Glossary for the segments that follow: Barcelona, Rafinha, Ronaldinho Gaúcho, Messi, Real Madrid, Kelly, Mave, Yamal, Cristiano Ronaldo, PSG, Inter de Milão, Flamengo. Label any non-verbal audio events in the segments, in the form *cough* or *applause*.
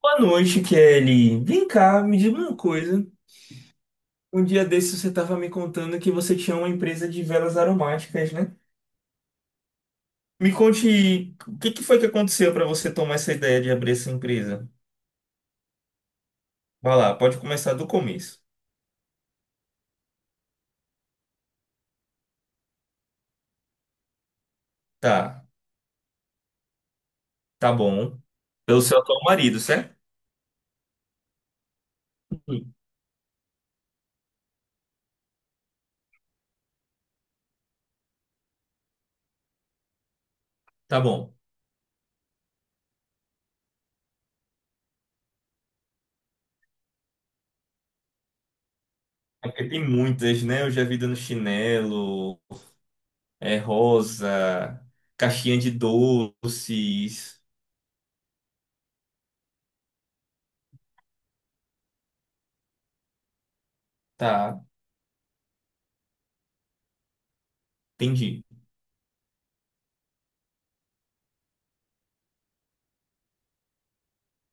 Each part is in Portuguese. Boa noite, Kelly. Vem cá, me diga uma coisa. Um dia desses você estava me contando que você tinha uma empresa de velas aromáticas, né? Me conte o que que foi que aconteceu para você tomar essa ideia de abrir essa empresa. Vai lá, pode começar do começo. Tá, tá bom. Pelo seu atual marido, certo? Sim. Tá bom. É porque tem muitas, né? Eu já vi dando chinelo, é rosa, caixinha de doces. Tá, entendi.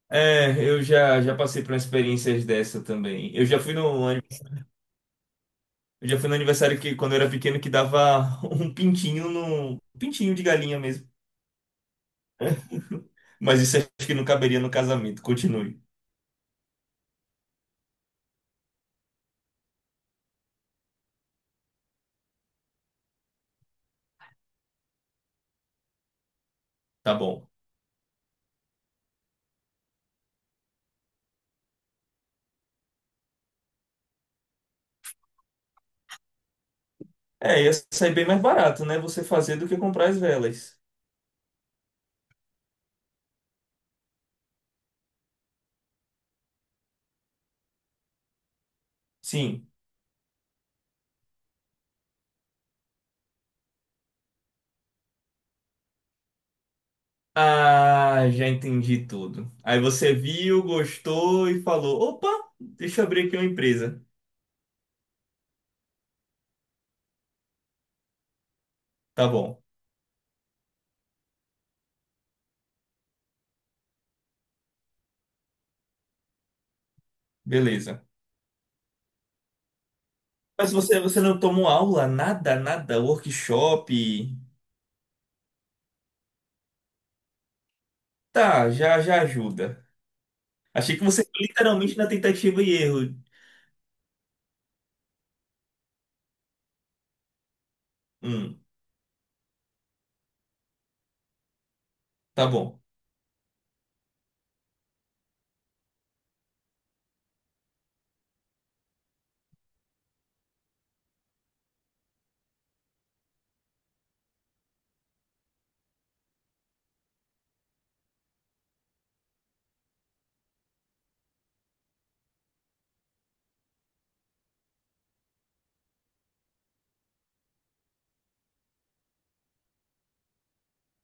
É, eu já passei por experiências dessa também. Eu já fui no aniversário que, quando eu era pequeno, que dava *laughs* um pintinho no, um pintinho de galinha mesmo. Mas isso acho que não caberia no casamento. Continue. Tá bom. É, ia sair bem mais barato, né? Você fazer do que comprar as velas. Sim. Ah, já entendi tudo. Aí você viu, gostou e falou: opa, deixa eu abrir aqui uma empresa. Tá bom, beleza. Mas você não tomou aula, nada, nada, workshop. Tá, já ajuda. Achei que você foi literalmente na tentativa e erro. Hum, tá bom.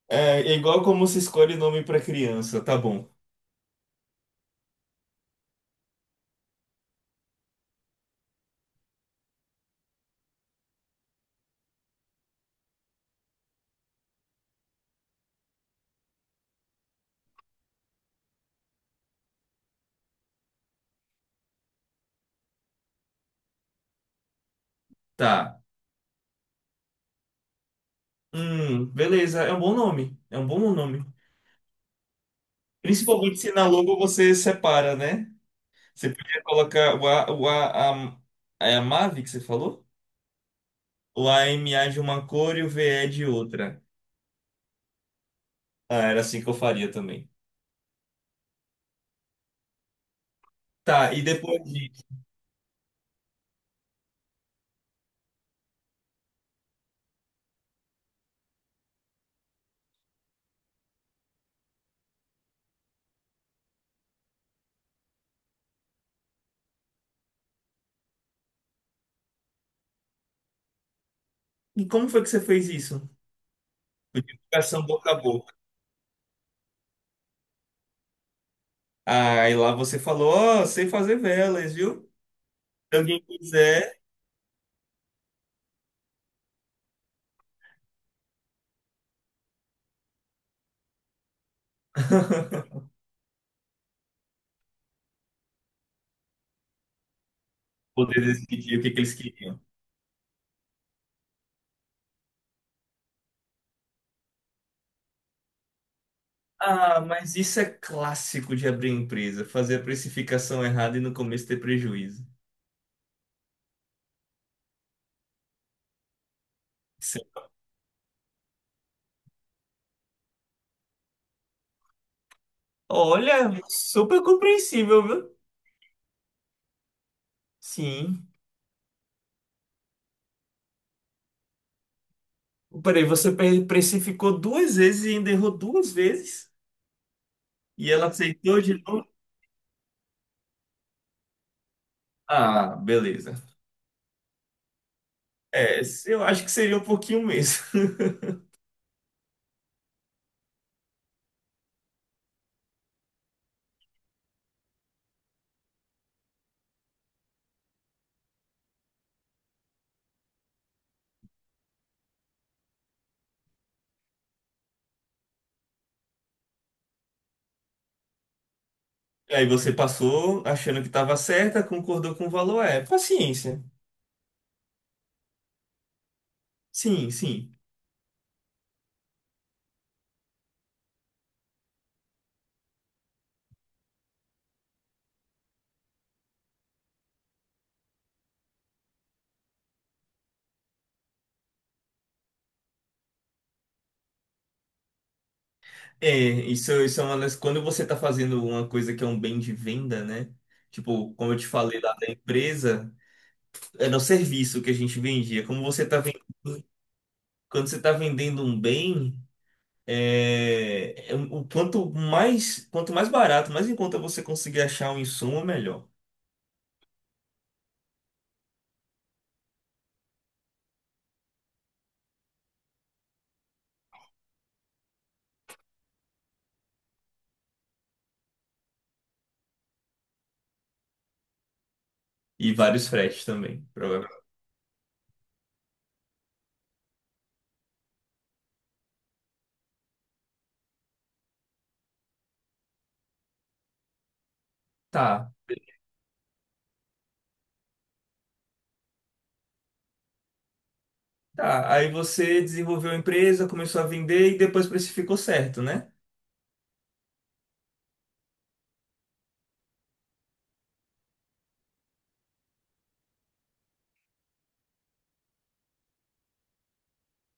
É, é igual como se escolhe nome pra criança, tá bom. Tá. Beleza, é um bom nome. É um bom nome. Principalmente se na logo você separa, né? Você podia colocar o A, a, é a Mave que você falou? O a m AMA de uma cor e o v VE de outra. Ah, era assim que eu faria também. Tá, e depois disso. E como foi que você fez isso? Codificação boca a boca. Aí lá você falou, ó, sei fazer velas, viu? Se alguém quiser *laughs* poder decidir o que que eles queriam. Ah, mas isso é clássico de abrir empresa, fazer a precificação errada e no começo ter prejuízo. Sim. Olha, super compreensível, viu? Sim. Peraí, você precificou duas vezes e ainda errou duas vezes? E ela aceitou de novo? Ah, beleza. É, eu acho que seria um pouquinho mesmo. Aí você passou achando que estava certa, concordou com o valor, é paciência. Sim, sim. É, isso é uma das. Quando você está fazendo uma coisa que é um bem de venda, né? Tipo, como eu te falei lá da empresa, era o serviço que a gente vendia. Como você está vendendo, quando você está vendendo um bem, o quanto mais barato, mais em conta você conseguir achar um insumo, melhor. E vários fretes também, provavelmente. Tá. Tá, aí você desenvolveu a empresa, começou a vender e depois precificou certo, né?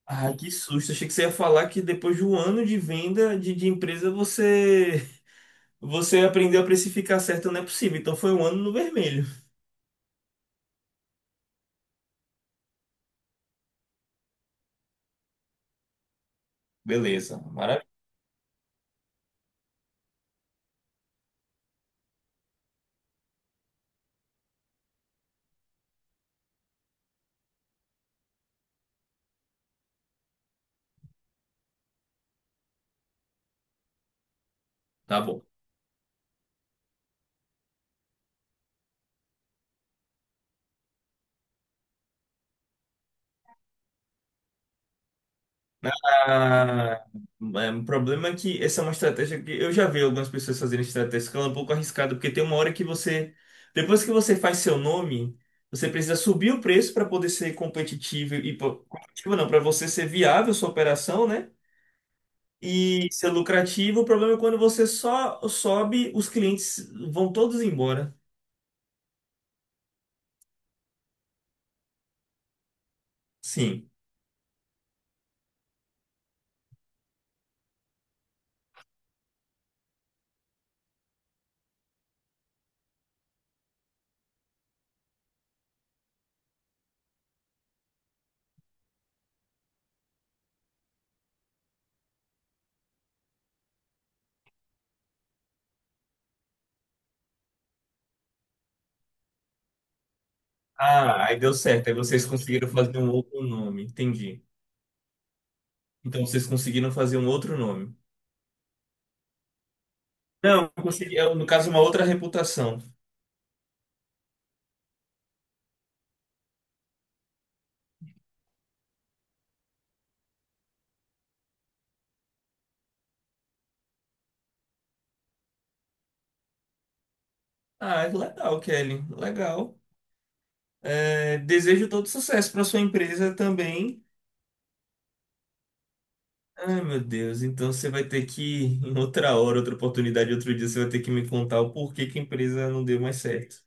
Ah, que susto! Achei que você ia falar que depois de um ano de de empresa você aprendeu a precificar certo, não é possível. Então foi um ano no vermelho. Beleza, maravilha. Tá bom. Ah, é um problema é que essa é uma estratégia que eu já vi algumas pessoas fazerem estratégia que ela é um pouco arriscada, porque tem uma hora que você, depois que você faz seu nome, você precisa subir o preço para poder ser competitivo e pô, competitivo não, para você ser viável sua operação, né? E ser lucrativo. O problema é quando você só sobe, os clientes vão todos embora. Sim. Ah, aí deu certo. Aí vocês conseguiram fazer um outro nome, entendi. Então vocês conseguiram fazer um outro nome. Eu consegui, eu, no caso, uma outra reputação. Ah, é legal, Kelly, legal. É, desejo todo sucesso para sua empresa também. Ai, meu Deus, então você vai ter que, em outra hora, outra oportunidade, outro dia, você vai ter que me contar o porquê que a empresa não deu mais certo.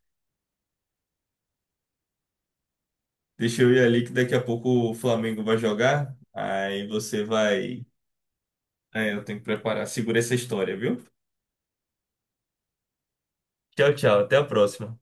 Deixa eu ir ali que daqui a pouco o Flamengo vai jogar. Aí você vai. É, eu tenho que preparar. Segura essa história, viu? Tchau, tchau. Até a próxima.